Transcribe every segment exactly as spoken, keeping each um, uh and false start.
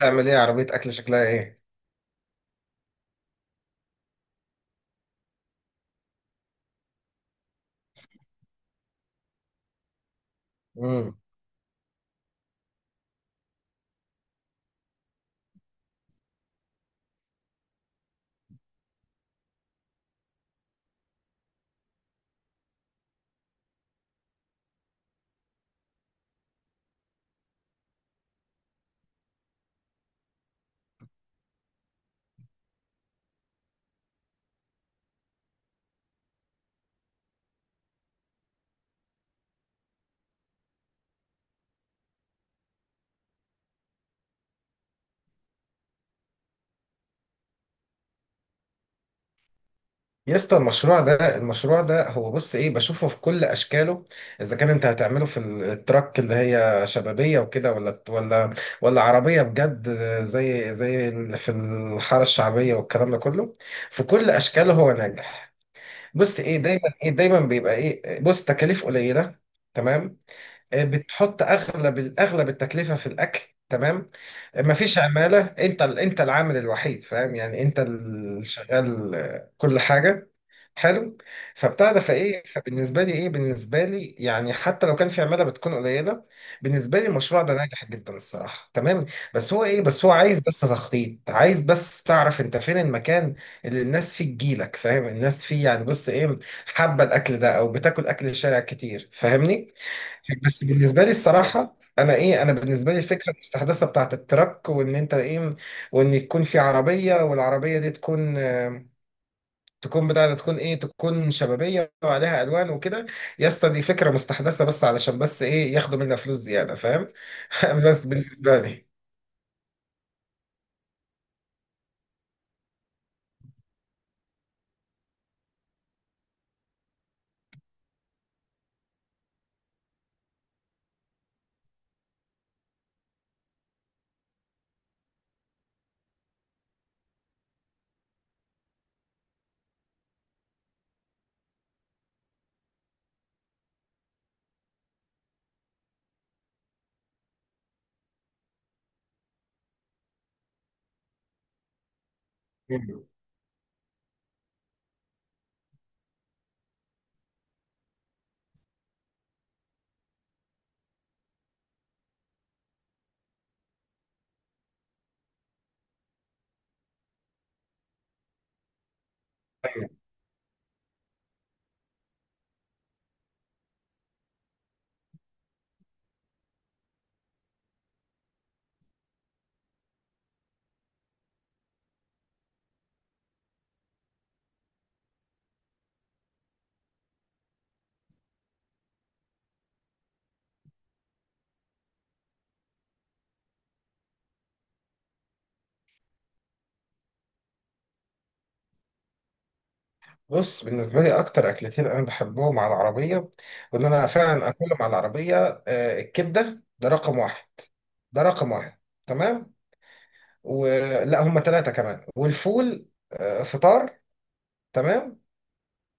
تعمل ايه عربية اكل، شكلها ايه؟ امم يا اسطى، المشروع ده المشروع ده هو بص ايه بشوفه في كل اشكاله. اذا كان انت هتعمله في التراك اللي هي شبابية وكده، ولا ولا ولا عربية بجد، زي زي اللي في الحارة الشعبية والكلام ده كله، في كل اشكاله هو ناجح. بص ايه، دايما ايه دايما بيبقى ايه، بص، تكاليف قليلة، تمام. آه، بتحط اغلب الاغلب التكلفه في الاكل، تمام. مم. مفيش عماله، انت ال- انت العامل الوحيد، فاهم؟ يعني انت اللي شغال كل حاجه، حلو. فبتاع ده، فايه، فبالنسبه لي ايه بالنسبه لي يعني حتى لو كان في عماله بتكون قليله، بالنسبه لي المشروع ده ناجح جدا الصراحه، تمام. بس هو ايه بس هو عايز بس تخطيط، عايز بس تعرف انت فين المكان اللي الناس فيه تجيلك، فاهم؟ الناس فيه يعني بص ايه، حابه الاكل ده او بتاكل اكل الشارع كتير، فاهمني؟ بس بالنسبه لي الصراحه، انا ايه انا بالنسبه لي الفكره المستحدثه بتاعت التراك، وان انت ايه، وان يكون في عربيه، والعربيه دي تكون آه، تكون بتاع ده تكون ايه تكون شبابيه وعليها الوان وكده. يا اسطى، دي فكره مستحدثه بس علشان بس ايه، ياخدوا منها فلوس زياده، فاهم؟ بس بالنسبه لي. مم. أيوة. بص، بالنسبه لي اكتر اكلتين انا بحبهم على العربيه، وان انا فعلا اكلهم على العربيه. آه، الكبده، ده رقم واحد، ده رقم واحد تمام. ولا هم ثلاثة، كمان والفول، آه، فطار، تمام.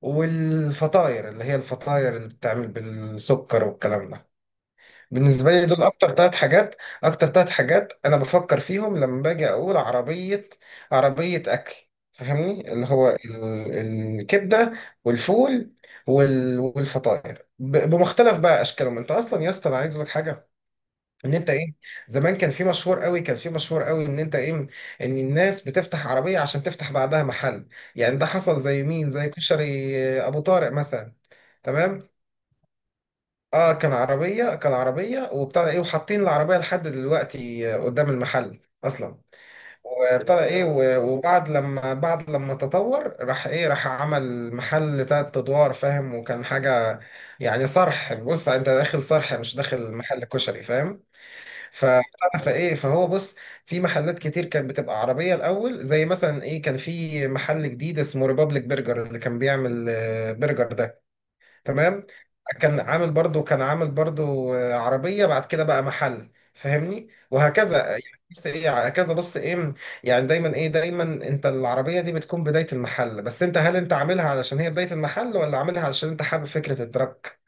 والفطاير اللي هي الفطاير اللي بتعمل بالسكر والكلام ده. بالنسبة لي دول أكتر ثلاث حاجات. أكتر ثلاث حاجات أنا بفكر فيهم لما باجي أقول عربية، عربية أكل. فاهمني؟ اللي هو ال- الكبدة، والفول، وال- والفطاير ب- بمختلف بقى أشكالهم. أنت أصلا يا اسطى، أنا عايز أقول لك حاجة، ان انت ايه، زمان كان في مشهور قوي كان في مشهور قوي ان انت ايه، ان الناس بتفتح عربيه عشان تفتح بعدها محل. يعني ده حصل زي مين، زي كشري آه، ابو طارق مثلا، تمام. اه، كان عربيه كان عربيه وبتاع ده ايه، وحاطين العربيه لحد دلوقتي آه، قدام المحل اصلا. وبتاع ده ايه، و- وبعد لما بعد لما تطور، راح ايه راح عمل محل تلات ادوار، فاهم؟ وكان حاجه يعني صرح، بص انت داخل صرح، مش داخل محل كشري، فاهم؟ ف فايه فهو بص، في محلات كتير كانت بتبقى عربيه الاول. زي مثلا ايه، كان في محل جديد اسمه ريبابليك برجر، اللي كان بيعمل آه، برجر ده، تمام. كان عامل برضو كان عامل برضو آه، عربيه، بعد كده بقى محل، فاهمني؟ وهكذا يعني. بص ايه، هكذا، بص ايه، يعني دايما ايه دايما انت العربيه دي بتكون بدايه المحل. بس انت هل انت عاملها علشان هي بدايه المحل، ولا عاملها علشان انت حابب فكره الدرك؟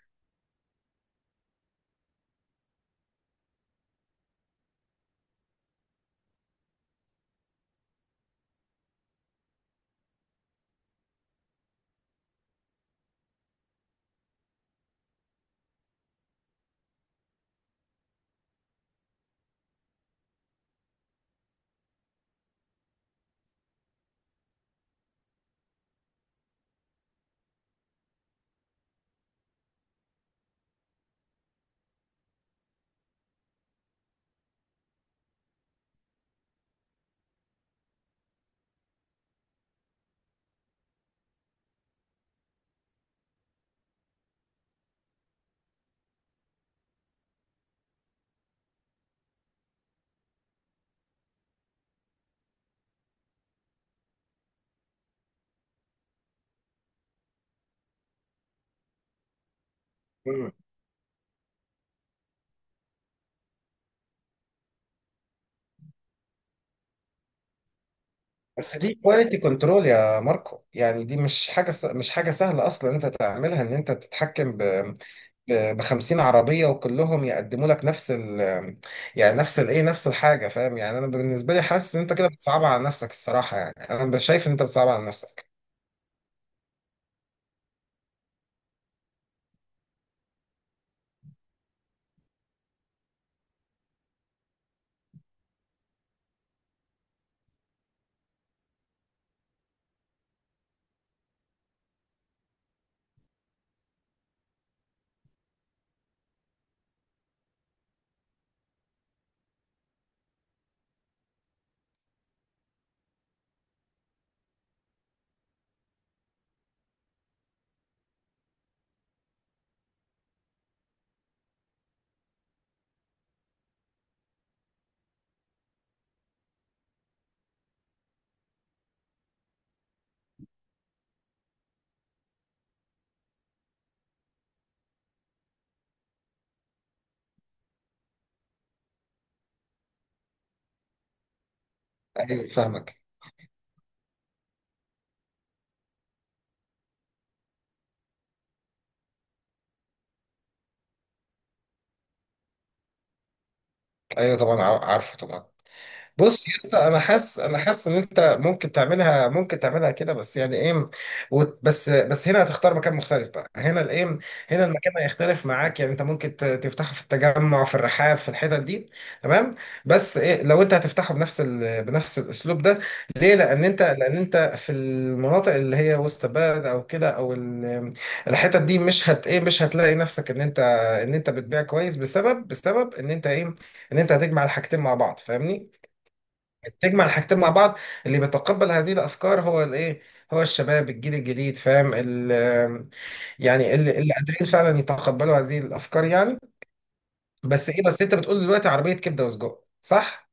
بس دي كواليتي كنترول يا ماركو، يعني دي مش حاجة س... مش حاجة سهلة أصلا أنت تعملها، إن أنت تتحكم ب ب خمسين عربية، وكلهم يقدموا لك نفس ال يعني نفس الإيه نفس الحاجة، فاهم؟ يعني أنا بالنسبة لي حاسس إن أنت كده بتصعبها على نفسك الصراحة، يعني أنا شايف إن أنت بتصعبها على نفسك. أيوه، فاهمك. أيوه طبعا، ع- عارفه طبعا. بص يا اسطى، انا حاسس انا حاسس ان انت ممكن تعملها ممكن تعملها كده، بس يعني ايه، وت- بس بس هنا هتختار مكان مختلف بقى. هنا الايه، هنا المكان هيختلف معاك، يعني انت ممكن ت- تفتحه في التجمع، في الرحاب، في الحتت دي، تمام. بس إيه، لو انت هتفتحه بنفس ال... بنفس الاسلوب ده، ليه؟ لان انت لان انت في المناطق اللي هي وسط بلد او كده، او ال... الحتت دي، مش هت ايه مش هتلاقي نفسك ان انت ان انت بتبيع كويس بسبب بسبب ان انت ايه، ان انت هتجمع الحاجتين مع بعض، فاهمني؟ تجمع الحاجتين مع بعض. اللي بيتقبل هذه الافكار هو الايه، هو الشباب، الجيل الجديد، فاهم؟ ال يعني اللي اللي قادرين فعلا يتقبلوا هذه الافكار يعني. بس ايه، بس انت بتقول دلوقتي عربيه كبده وسجق، صح؟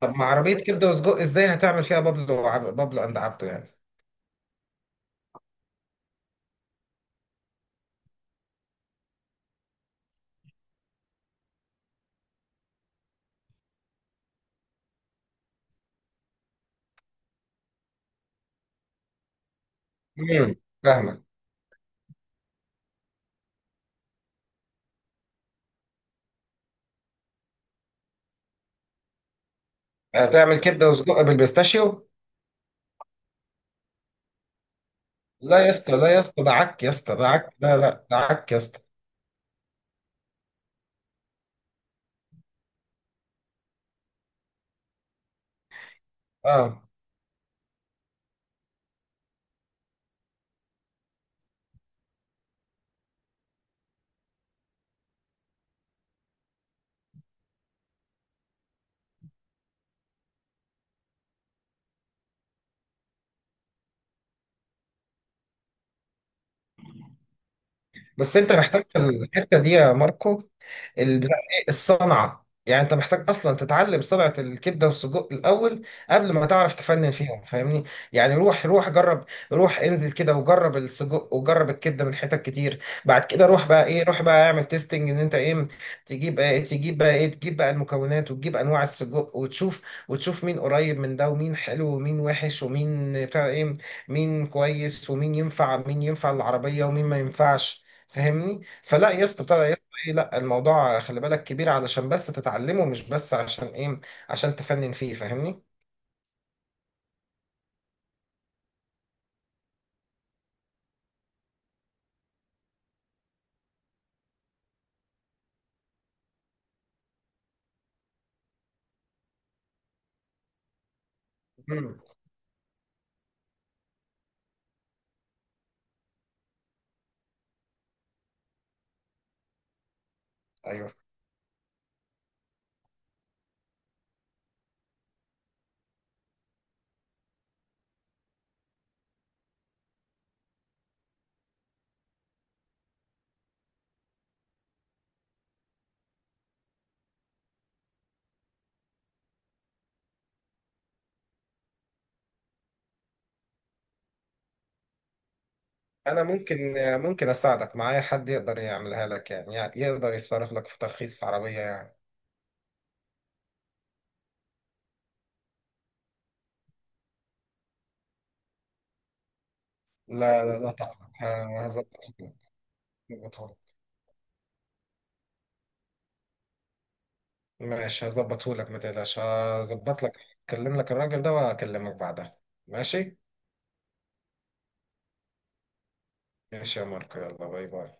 طب مع عربيه كبده وسجق ازاي هتعمل فيها بابلو وعب- بابلو اند عبده يعني؟ امم فاهمك. هتعمل كبده وسجق بالبيستاشيو؟ لا يا اسطى، لا يا اسطى، ده عك يا اسطى، ده عك، لا لا، ده عك يا اسطى. اه، بس انت محتاج في الحته دي يا ماركو، البتاع ايه، الصنعه، يعني انت محتاج اصلا تتعلم صنعه الكبده والسجق الاول قبل ما تعرف تفنن فيهم، فاهمني؟ يعني روح، روح جرب، روح انزل كده وجرب السجق، وجرب الكبده من حتت كتير. بعد كده روح بقى ايه روح بقى اعمل تيستنج، ان انت ايه، تجيب ايه تجيب بقى ايه تجيب بقى المكونات، وتجيب انواع السجق، وتشوف وتشوف مين قريب من ده، ومين حلو، ومين وحش، ومين بتاع ايه، مين كويس، ومين ينفع مين ينفع العربيه ومين ما ينفعش، فاهمني؟ فلا يا اسطى بتاع ده، يا اسطى ايه لا الموضوع خلي بالك كبير علشان بس تتعلمه، مش بس عشان ايه، عشان تفنن فيه، فاهمني؟ مم. ايوه، انا ممكن ممكن اساعدك، معايا حد يقدر يعملها لك يعني, يعني يقدر يصرف لك في ترخيص عربية يعني. لا لا لا، تقلق، ه- هظبطه لك، هظبطه لك. ماشي، هظبطه لك، ما تقلقش، هظبط لك، اكلم لك الراجل ده واكلمك بعدها. ماشي. ماشي يا ماركو، يلا باي باي.